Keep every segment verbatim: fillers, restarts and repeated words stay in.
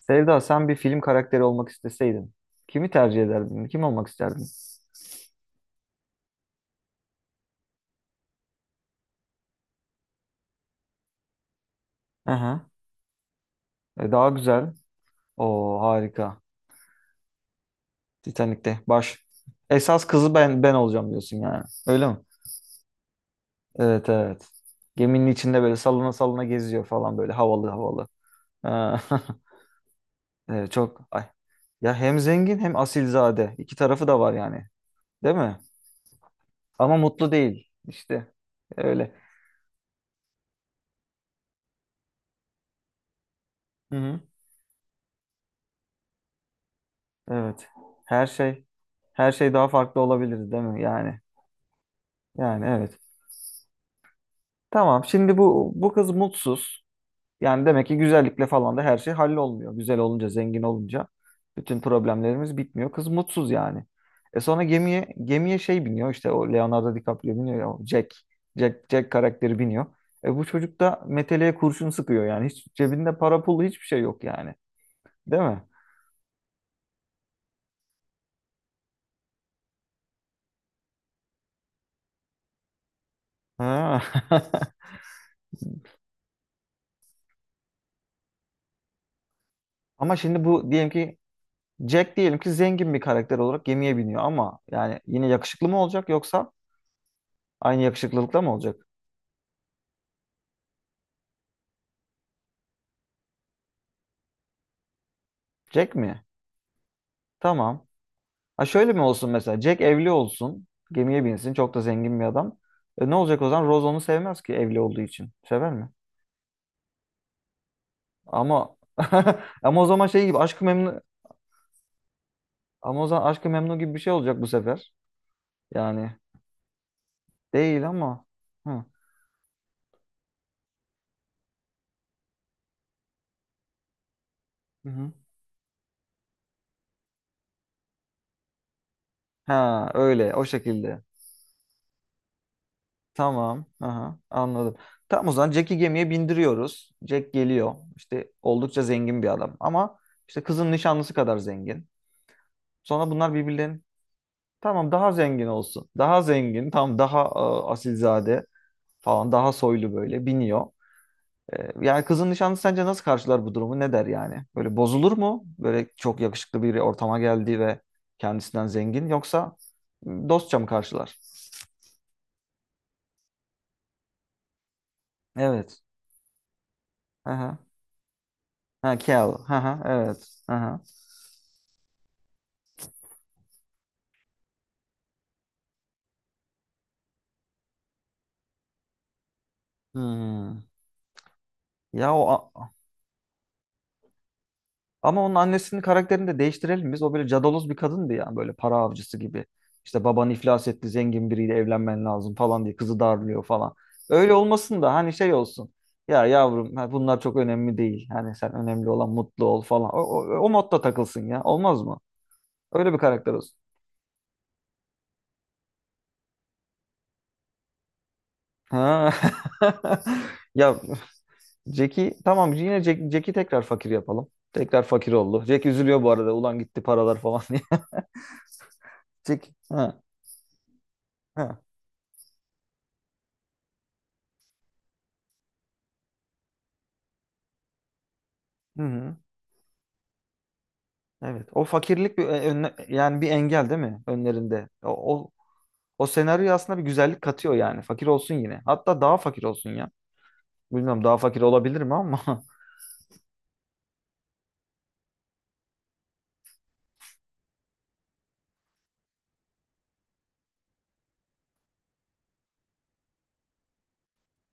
Sevda, sen bir film karakteri olmak isteseydin, kimi tercih ederdin? Kim olmak isterdin? Aha, e, daha güzel. Oo, harika. Titanik'te baş. Esas kızı ben ben olacağım diyorsun yani. Öyle mi? Evet, evet. Geminin içinde böyle salına salına geziyor falan, böyle havalı havalı. Ha, evet, çok ay. Ya hem zengin hem asilzade. İki tarafı da var yani. Değil mi? Ama mutlu değil. İşte öyle. Hı hı. Evet. Her şey her şey daha farklı olabilir değil mi yani? Yani evet. Tamam. Şimdi bu bu kız mutsuz. Yani demek ki güzellikle falan da her şey hallolmuyor. Güzel olunca, zengin olunca bütün problemlerimiz bitmiyor. Kız mutsuz yani. E sonra gemiye gemiye şey biniyor, işte o Leonardo DiCaprio biniyor ya, o Jack. Jack Jack karakteri biniyor. E bu çocuk da meteleye kurşun sıkıyor yani. Hiç cebinde para pulu hiçbir şey yok yani. Değil mi? Ha. Ama şimdi bu diyelim ki Jack diyelim ki zengin bir karakter olarak gemiye biniyor, ama yani yine yakışıklı mı olacak yoksa aynı yakışıklılıkta mı olacak? Jack mi? Tamam. Ha, şöyle mi olsun mesela? Jack evli olsun. Gemiye binsin. Çok da zengin bir adam. E, ne olacak o zaman? Rose onu sevmez ki evli olduğu için. Sever mi? Ama ama o zaman şey gibi, aşkı memnu, ama o zaman aşkı memnu gibi bir şey olacak bu sefer. Yani değil ama. Hı. Hı hı. Ha, öyle, o şekilde. Tamam. Aha, anladım. Tamam, o zaman Jack'i gemiye bindiriyoruz. Jack geliyor. İşte oldukça zengin bir adam. Ama işte kızın nişanlısı kadar zengin. Sonra bunlar birbirlerinin, tamam daha zengin olsun. Daha zengin, tam daha e, asilzade falan, daha soylu, böyle biniyor. E, yani kızın nişanlısı sence nasıl karşılar bu durumu? Ne der yani? Böyle bozulur mu? Böyle çok yakışıklı bir ortama geldi ve kendisinden zengin, yoksa dostça mı karşılar? Evet. Aha. Ha, Kel. Aha, evet. Aha. Hmm. Ya o a-, ama onun annesinin karakterini de değiştirelim biz. O böyle cadaloz bir kadındı ya, böyle para avcısı gibi. İşte, baban iflas etti, zengin biriyle evlenmen lazım falan diye kızı darlıyor falan. Öyle olmasın da hani şey olsun. Ya yavrum, ha, bunlar çok önemli değil. Hani sen, önemli olan mutlu ol falan. O, o, o modda takılsın ya. Olmaz mı? Öyle bir karakter olsun. Ha. Ya Jack'i, tamam yine Jack, Jack'i tekrar fakir yapalım. Tekrar fakir oldu. Jack üzülüyor bu arada. Ulan gitti paralar falan diye. Jack. Ha. Ha. Hı hı. Evet. O fakirlik bir önle-, yani bir engel değil mi önlerinde? O, o, o senaryo aslında bir güzellik katıyor yani. Fakir olsun yine. Hatta daha fakir olsun ya. Bilmiyorum daha fakir olabilir mi ama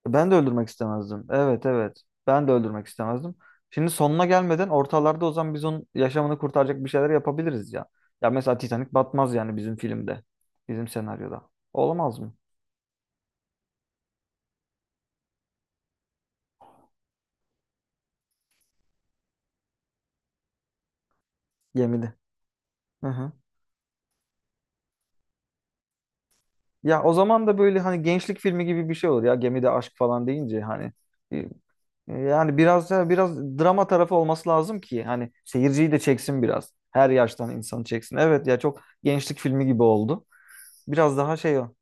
ben de öldürmek istemezdim. Evet, evet. Ben de öldürmek istemezdim. Şimdi sonuna gelmeden ortalarda, o zaman biz onun yaşamını kurtaracak bir şeyler yapabiliriz ya. Ya mesela Titanic batmaz yani bizim filmde. Bizim senaryoda. Olamaz mı? Gemide. Hı hı. Ya o zaman da böyle hani gençlik filmi gibi bir şey olur ya. Gemide aşk falan deyince hani, E, yani biraz da biraz drama tarafı olması lazım ki hani seyirciyi de çeksin biraz. Her yaştan insanı çeksin. Evet ya, çok gençlik filmi gibi oldu. Biraz daha şey o.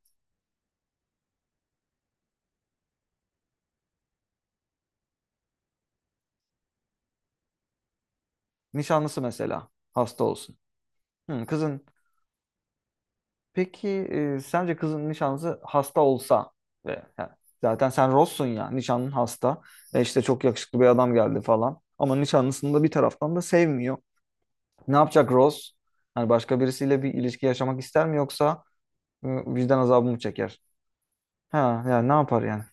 Nişanlısı mesela hasta olsun. Hı, kızın, peki e, sence kızın nişanlısı hasta olsa ve ha, zaten sen Ross'sun ya, nişanlın hasta ve işte çok yakışıklı bir adam geldi falan. Ama nişanlısını da bir taraftan da sevmiyor. Ne yapacak Ross? Hani başka birisiyle bir ilişki yaşamak ister mi, yoksa e, vicdan azabı mı çeker? Ha yani, ne yapar yani?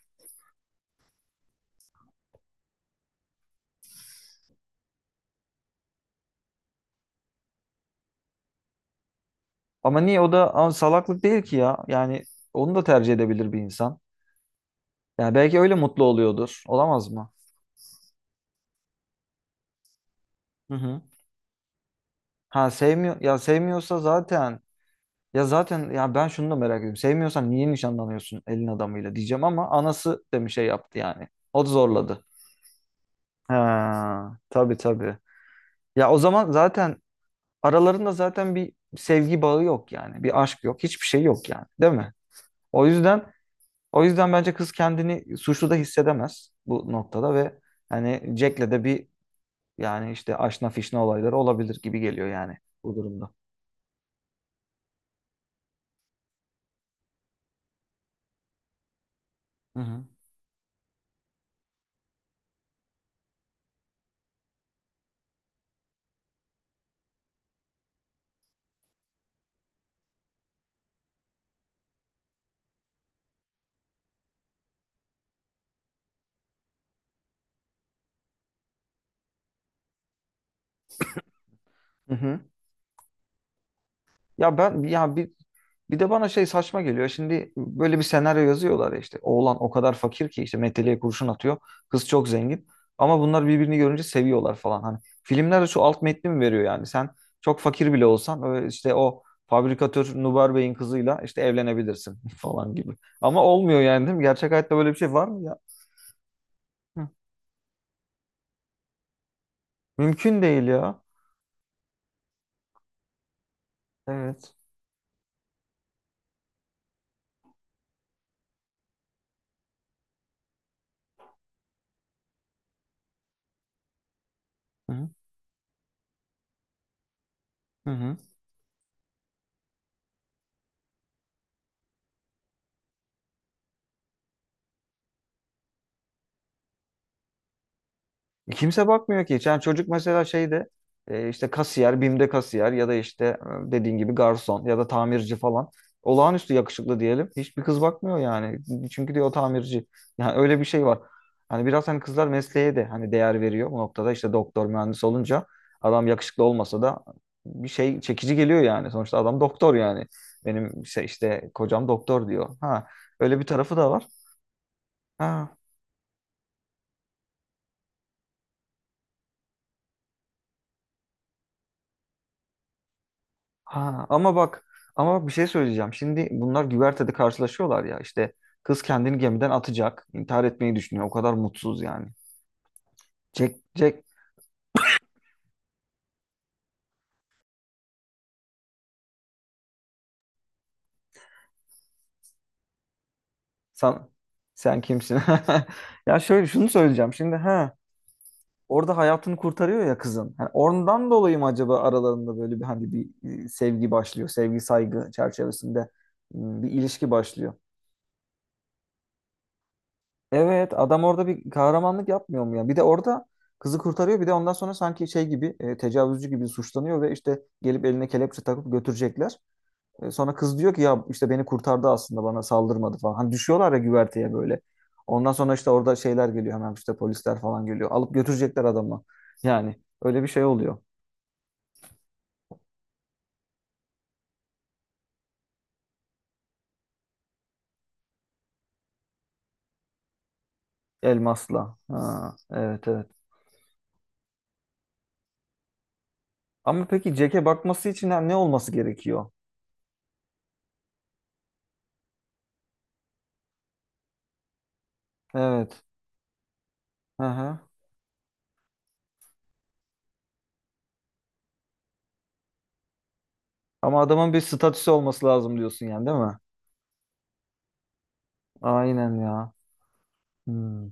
Ama niye o da, ama salaklık değil ki ya. Yani onu da tercih edebilir bir insan. Yani belki öyle mutlu oluyordur. Olamaz mı? Hı hı. Ha, sevmiyor ya, sevmiyorsa zaten, ya zaten ya, ben şunu da merak ediyorum. Sevmiyorsan niye nişanlanıyorsun elin adamıyla diyeceğim, ama anası da bir şey yaptı yani. O da zorladı. Ha, tabii tabii. Ya o zaman zaten aralarında zaten bir sevgi bağı yok yani. Bir aşk yok. Hiçbir şey yok yani. Değil mi? O yüzden, O yüzden bence kız kendini suçlu da hissedemez bu noktada ve hani Jack'le de bir, yani işte aşna fişne olayları olabilir gibi geliyor yani bu durumda. Hı hı. Hı hı. Ya ben ya bir bir de bana şey saçma geliyor. Şimdi böyle bir senaryo yazıyorlar ya işte. Oğlan o kadar fakir ki işte meteliğe kurşun atıyor. Kız çok zengin. Ama bunlar birbirini görünce seviyorlar falan. Hani filmlerde şu alt metni mi veriyor yani? Sen çok fakir bile olsan öyle işte, o fabrikatör Nubar Bey'in kızıyla işte evlenebilirsin falan gibi. Ama olmuyor yani değil mi? Gerçek hayatta böyle bir şey var mı ya? Hı. Mümkün değil ya. Evet. Hı hı. Hı hı. Kimse bakmıyor ki. Yani çocuk mesela şeyde, e, işte kasiyer, BİM'de kasiyer ya da işte e, dediğin gibi garson ya da tamirci falan. Olağanüstü yakışıklı diyelim. Hiçbir kız bakmıyor yani. Çünkü diyor o tamirci. Yani öyle bir şey var. Hani biraz hani kızlar mesleğe de hani değer veriyor bu noktada. İşte doktor, mühendis olunca adam yakışıklı olmasa da bir şey çekici geliyor yani. Sonuçta adam doktor yani. Benim işte, işte kocam doktor diyor. Ha, öyle bir tarafı da var. Ha. Ha, ama bak, ama bak bir şey söyleyeceğim. Şimdi bunlar güvertede karşılaşıyorlar ya işte, kız kendini gemiden atacak. İntihar etmeyi düşünüyor. O kadar mutsuz yani. Jack, Jack sen, sen kimsin? Ya şöyle şunu söyleyeceğim. Şimdi ha, orada hayatını kurtarıyor ya kızın. Yani oradan dolayı mı acaba aralarında böyle bir hani bir e, sevgi başlıyor. Sevgi saygı çerçevesinde m, bir ilişki başlıyor. Evet, adam orada bir kahramanlık yapmıyor mu ya? Bir de orada kızı kurtarıyor, bir de ondan sonra sanki şey gibi e, tecavüzcü gibi suçlanıyor ve işte gelip eline kelepçe takıp götürecekler. E, sonra kız diyor ki ya işte beni kurtardı, aslında bana saldırmadı falan. Hani düşüyorlar ya güverteye böyle. Ondan sonra işte orada şeyler geliyor, hemen işte polisler falan geliyor. Alıp götürecekler adamı. Yani öyle bir şey oluyor. Elmasla. Ha, evet evet. Ama peki Jack'e bakması için ne olması gerekiyor? Evet. Hı hı. Ama adamın bir statüsü olması lazım diyorsun yani değil mi? Aynen ya. Hmm.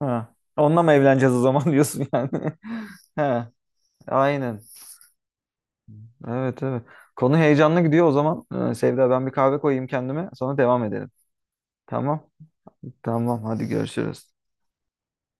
Ha. Onunla mı evleneceğiz o zaman diyorsun yani. He. Aynen. Evet, evet. Konu heyecanlı gidiyor o zaman. Ee, Sevda, ben bir kahve koyayım kendime, sonra devam edelim. Tamam. Tamam, hadi görüşürüz.